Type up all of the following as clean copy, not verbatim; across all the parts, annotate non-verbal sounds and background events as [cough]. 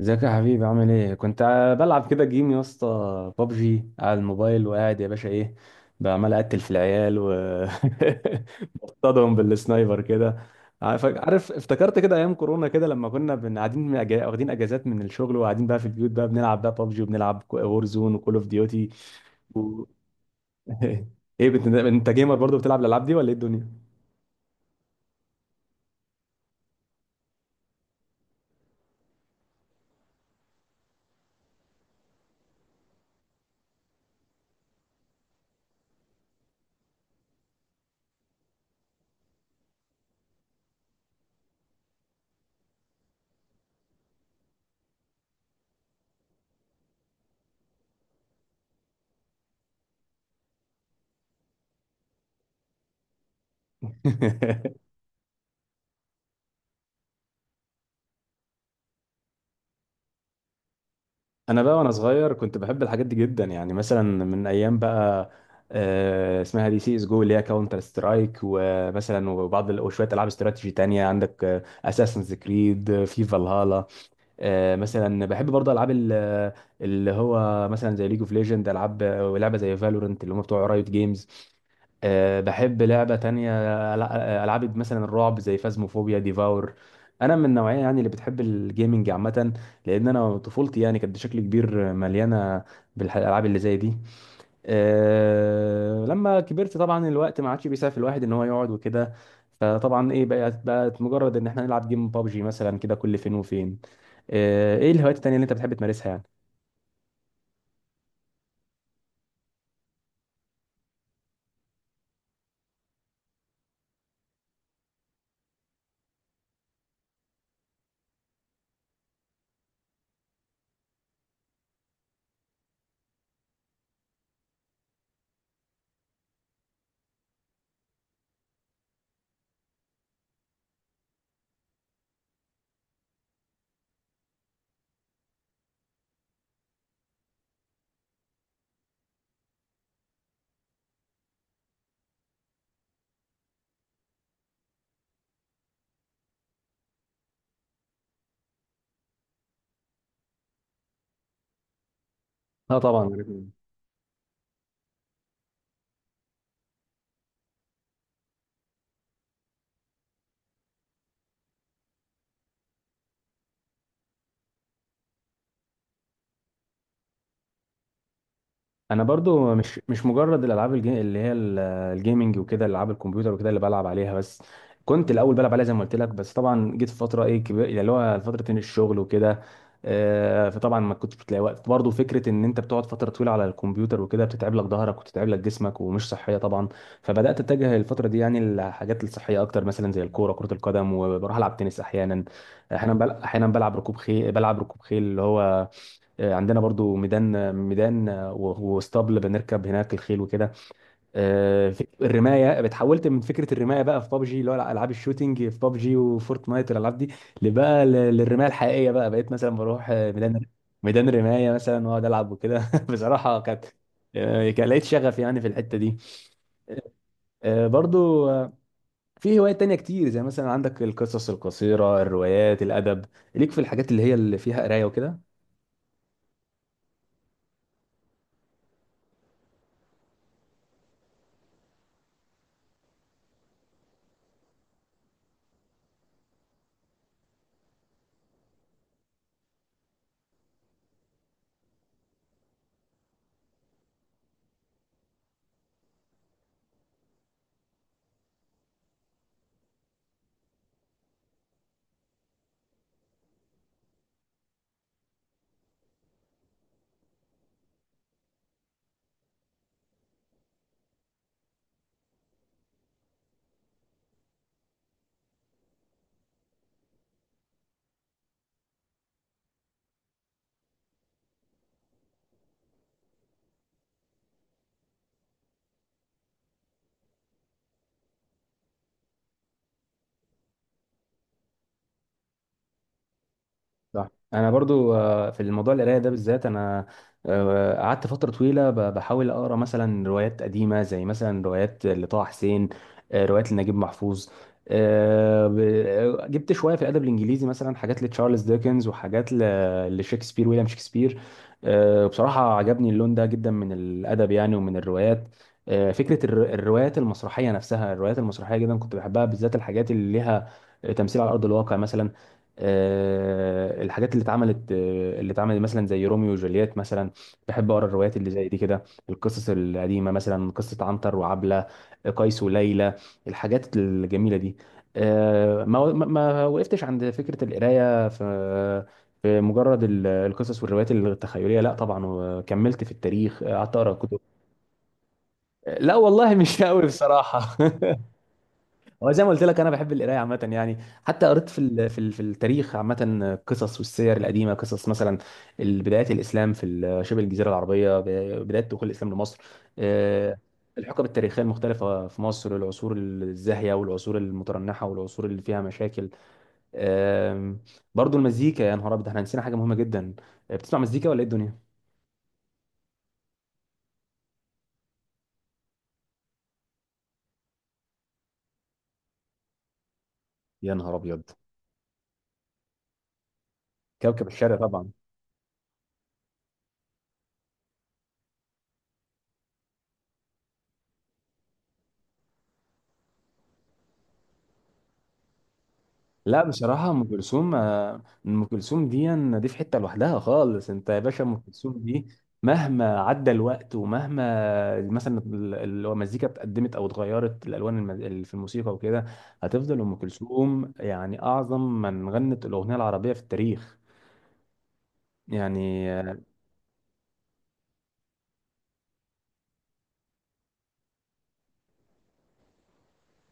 ازيك يا حبيبي، عامل ايه؟ كنت بلعب كده جيم يا اسطى. بابجي على الموبايل وقاعد يا باشا. ايه بعمل؟ اقتل في العيال و [laughs] اصطادهم بالسنايبر كده. عارف، افتكرت كده ايام كورونا كده لما كنا قاعدين، واخدين اجازات من الشغل وقاعدين بقى في البيوت بقى بنلعب بقى بابجي وبنلعب وور زون وكول اوف ديوتي. [laughs] ايه انت جيمر برضه، بتلعب الالعاب دي ولا ايه الدنيا؟ [laughs] انا بقى وانا صغير كنت بحب الحاجات دي جدا يعني، مثلا من ايام بقى، اسمها دي سي اس جو، اللي هي كاونتر سترايك، ومثلا وبعض وشويه العاب استراتيجي تانية، عندك اساسنز كريد في فالهالا. مثلا بحب برضه العاب اللي هو مثلا زي ليج اوف ليجند، العاب ولعبه زي فالورنت اللي هم بتوع رايوت جيمز. بحب لعبة تانية، ألع- ألعاب مثلا الرعب زي فازموفوبيا ديفاور. أنا من النوعية يعني اللي بتحب الجيمنج عامة، لأن أنا طفولتي يعني كانت بشكل كبير مليانة بالألعاب اللي زي دي. أه لما كبرت طبعا الوقت ما عادش بيسعف الواحد ان هو يقعد وكده، فطبعا ايه بقت مجرد ان احنا نلعب جيم بابجي مثلا كده كل فين وفين. أه، ايه الهوايات التانية اللي انت بتحب تمارسها يعني؟ اه طبعا. انا برضو مش مجرد الالعاب اللي هي الجيمنج وكده، العاب الكمبيوتر وكده اللي بلعب عليها بس. كنت الاول بلعب عليها زي ما قلت لك، بس طبعا جيت في فتره ايه كبير اللي هو فتره إن الشغل وكده. فطبعا ما كنتش بتلاقي وقت، برضو فكره ان انت بتقعد فتره طويله على الكمبيوتر وكده بتتعب لك ظهرك وتتعب لك جسمك ومش صحيه طبعا. فبدات اتجه الفتره دي يعني الحاجات الصحيه اكتر، مثلا زي الكوره، كره القدم، وبروح العب تنس احيانا. احيانا احيانا بلعب ركوب خيل اللي هو، عندنا برضو ميدان، واسطبل، بنركب هناك الخيل وكده. الرمايه بتحولت من فكره الرمايه بقى في بابجي، اللي هو العاب الشوتينج في بابجي وفورتنايت والالعاب دي، لبقى للرمايه الحقيقيه بقى، بقيت مثلا بروح ميدان رمايه مثلا، واقعد العب وكده [laughs] بصراحه كانت، كان لقيت شغف يعني في الحته دي. برضو، في هوايات تانية كتير، زي مثلا عندك القصص القصيره، الروايات، الادب، ليك في الحاجات اللي هي اللي فيها قرايه وكده. صح. انا برضو، في الموضوع القرايه ده بالذات انا، قعدت فتره طويله بحاول اقرا مثلا روايات قديمه زي مثلا روايات لطه حسين، روايات لنجيب محفوظ. آه، ب- جبت شويه في الادب الانجليزي مثلا، حاجات لتشارلز ديكنز وحاجات لشكسبير، ويليام شكسبير. بصراحه عجبني اللون ده جدا من الادب يعني ومن الروايات. فكره الروايات المسرحيه نفسها، الروايات المسرحيه جدا كنت بحبها، بالذات الحاجات اللي ليها تمثيل على ارض الواقع مثلا. الحاجات اللي اتعملت مثلا زي روميو وجولييت مثلا. بحب اقرا الروايات اللي زي دي كده، القصص القديمه، مثلا قصه عنتر وعبله، قيس وليلى، الحاجات الجميله دي. ما وقفتش عند فكره القرايه في، مجرد القصص والروايات التخيليه، لا طبعا، وكملت في التاريخ. قعدت اقرا كتب. لا والله مش قوي بصراحه [laughs] هو زي ما قلت لك انا بحب القرايه عامه يعني، حتى قريت في ال في ال في التاريخ عامه، قصص والسير القديمه، قصص مثلا بدايات الاسلام في شبه الجزيره العربيه، بدايه دخول الاسلام لمصر. آه، الحقب التاريخيه المختلفه في مصر، العصور الزاهيه والعصور المترنحه والعصور اللي فيها مشاكل. آم، برضو المزيكا، يا نهار ابيض! احنا نسينا حاجه مهمه جدا. بتسمع مزيكا ولا ايه الدنيا؟ يا نهار ابيض، كوكب الشرق طبعا. لا بصراحة أم كلثوم، أم كلثوم دي، في حتة لوحدها خالص. أنت يا باشا، أم كلثوم دي مهما عدى الوقت، ومهما مثلا المزيكا اتقدمت أو اتغيرت الألوان، في الموسيقى وكده، هتفضل أم كلثوم يعني أعظم من غنت الأغنية العربية في التاريخ يعني.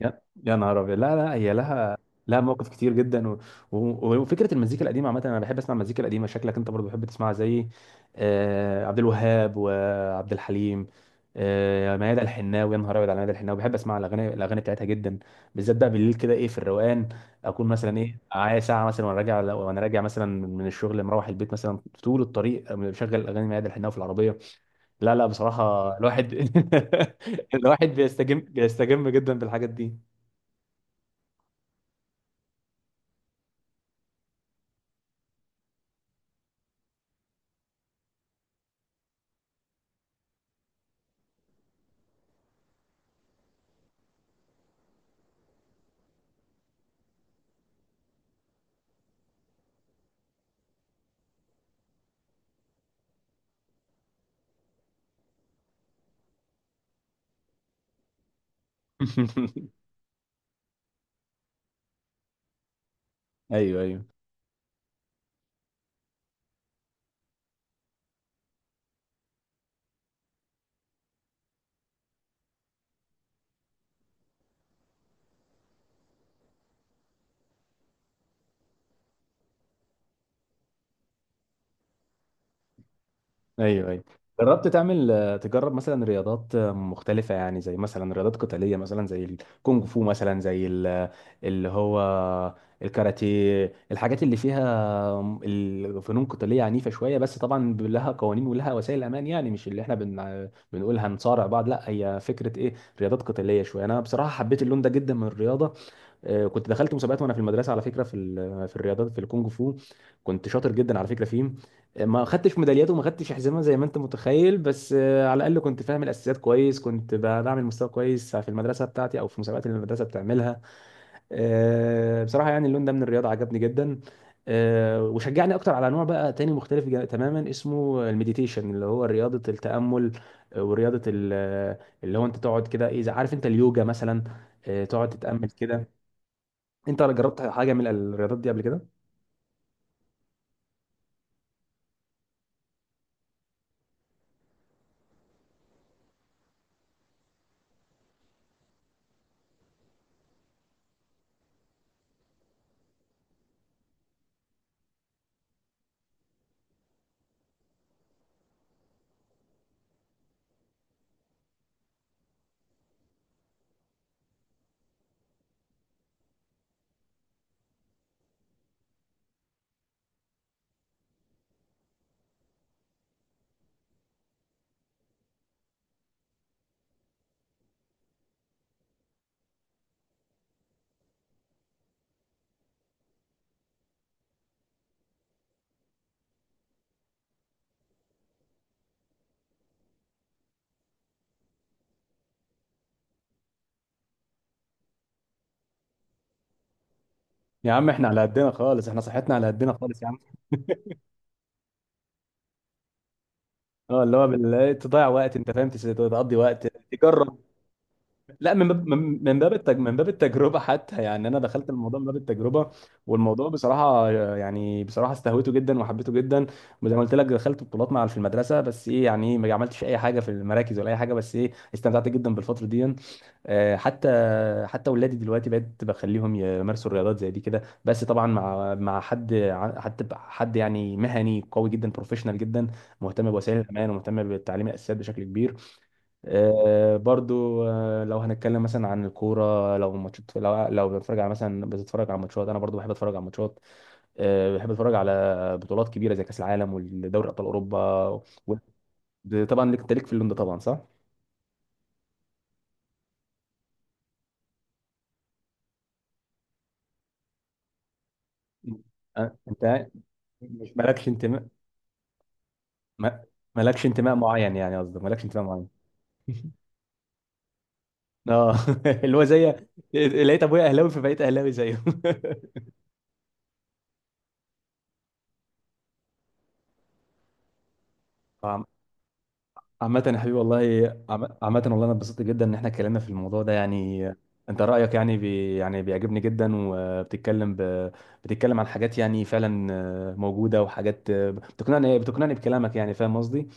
يا نهار ابيض! لا لا، هي لها مواقف كتير جدا، وفكره المزيكا القديمه عامه، انا بحب اسمع المزيكا القديمه. شكلك انت برضو بتحب تسمعها زي عبد الوهاب وعبد الحليم. ميادة الحناوي، يا نهار ابيض على ميادة الحناوي، بحب اسمع الاغاني بتاعتها جدا، بالذات بقى بالليل كده ايه في الروقان. اكون مثلا ايه معايا ساعه مثلا، وانا راجع مثلا من الشغل، مروح البيت، مثلا طول الطريق بشغل اغاني ميادة الحناوي في العربيه. لا لا بصراحه الواحد [laughs] الواحد بيستجم جدا بالحاجات دي. [laughs] ايوه، ايوه، ايوه، ايوه. جربت تعمل، تجرب مثلا رياضات، مختلفة يعني، زي مثلا رياضات قتالية مثلا زي الكونغ فو، مثلا زي اللي هو الكاراتيه، الحاجات اللي فيها، الفنون قتالية عنيفة شوية؟ بس طبعا لها قوانين ولها وسائل أمان يعني، مش اللي احنا بنقول هنصارع بعض، لا، هي فكرة ايه، رياضات قتالية شوية. أنا بصراحة حبيت اللون ده جدا من الرياضة. كنت دخلت مسابقات وانا في المدرسه، على فكره، في في الرياضات، في الكونغ فو. كنت شاطر جدا على فكره فيه. ما خدتش ميداليات وما خدتش حزامه زي ما انت متخيل، بس على الاقل كنت فاهم الاساسيات كويس، كنت بعمل مستوى كويس في المدرسه بتاعتي او في مسابقات اللي المدرسه بتعملها. بصراحه يعني اللون ده من الرياضه عجبني جدا. وشجعني اكتر على نوع بقى تاني مختلف تماما، اسمه المديتيشن اللي هو رياضه التامل. ورياضه اللي هو انت تقعد كده، ايه عارف، انت اليوجا مثلا. تقعد تتامل كده. انت ولا جربت حاجه من الرياضات دي قبل كده؟ يا عم احنا على قدنا خالص، احنا صحتنا على قدنا خالص يا عم. اه، اللي هو إيه، تضيع وقت، انت فاهم، تقضي وقت، تجرب. لا، من باب، من باب من باب التجربه حتى يعني، انا دخلت الموضوع من باب التجربه، والموضوع بصراحه يعني، بصراحه استهويته جدا وحبيته جدا. وزي ما قلت لك دخلت بطولات مع في المدرسه، بس ايه يعني، ايه، ما عملتش اي حاجه في المراكز ولا اي حاجه، بس ايه استمتعت جدا بالفتره دي. حتى، ولادي دلوقتي بقيت بخليهم يمارسوا الرياضات زي دي كده، بس طبعا مع، حد، حتى حد يعني مهني قوي جدا، بروفيشنال جدا، مهتم بوسائل الامان ومهتم بتعليم الاساسيات بشكل كبير. برضو لو هنتكلم مثلا عن الكوره، لو ماتشات، لو لو بتتفرج على مثلا بتتفرج على ماتشات، انا برضو بحب اتفرج على ماتشات. بحب اتفرج على بطولات كبيره زي كاس العالم والدوري ابطال اوروبا و- طبعا. ليك انت ليك في اللون ده طبعا، صح؟ مم. أه، انت مش مالكش انتماء، ما- مالكش انتماء معين يعني، قصدك مالكش انتماء معين؟ [laughs] اه. [laughs] اللي هو زي لقيت ابويا اهلاوي فبقيت اهلاوي زيه. [laughs] عم- عامة يا حبيبي والله، عامة والله انا اتبسطت جدا ان احنا اتكلمنا في الموضوع ده يعني. انت رأيك يعني، يعني بيعجبني جدا، وبتتكلم بتتكلم عن حاجات يعني فعلا، موجودة، وحاجات بتقنعني بكلامك، يعني فاهم قصدي؟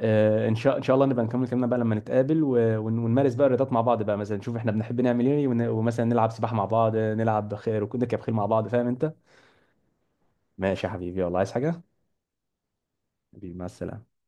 ان شاء الله نبقى نكمل كلامنا بقى لما نتقابل ونمارس بقى الرياضات مع بعض، بقى مثلا نشوف احنا بنحب نعمل ايه، ومثلا نلعب سباحة مع بعض، نلعب خيل ونركب خيل مع بعض، فاهم انت؟ ماشي يا حبيبي والله، عايز حاجة؟ حبيبي مع السلامة.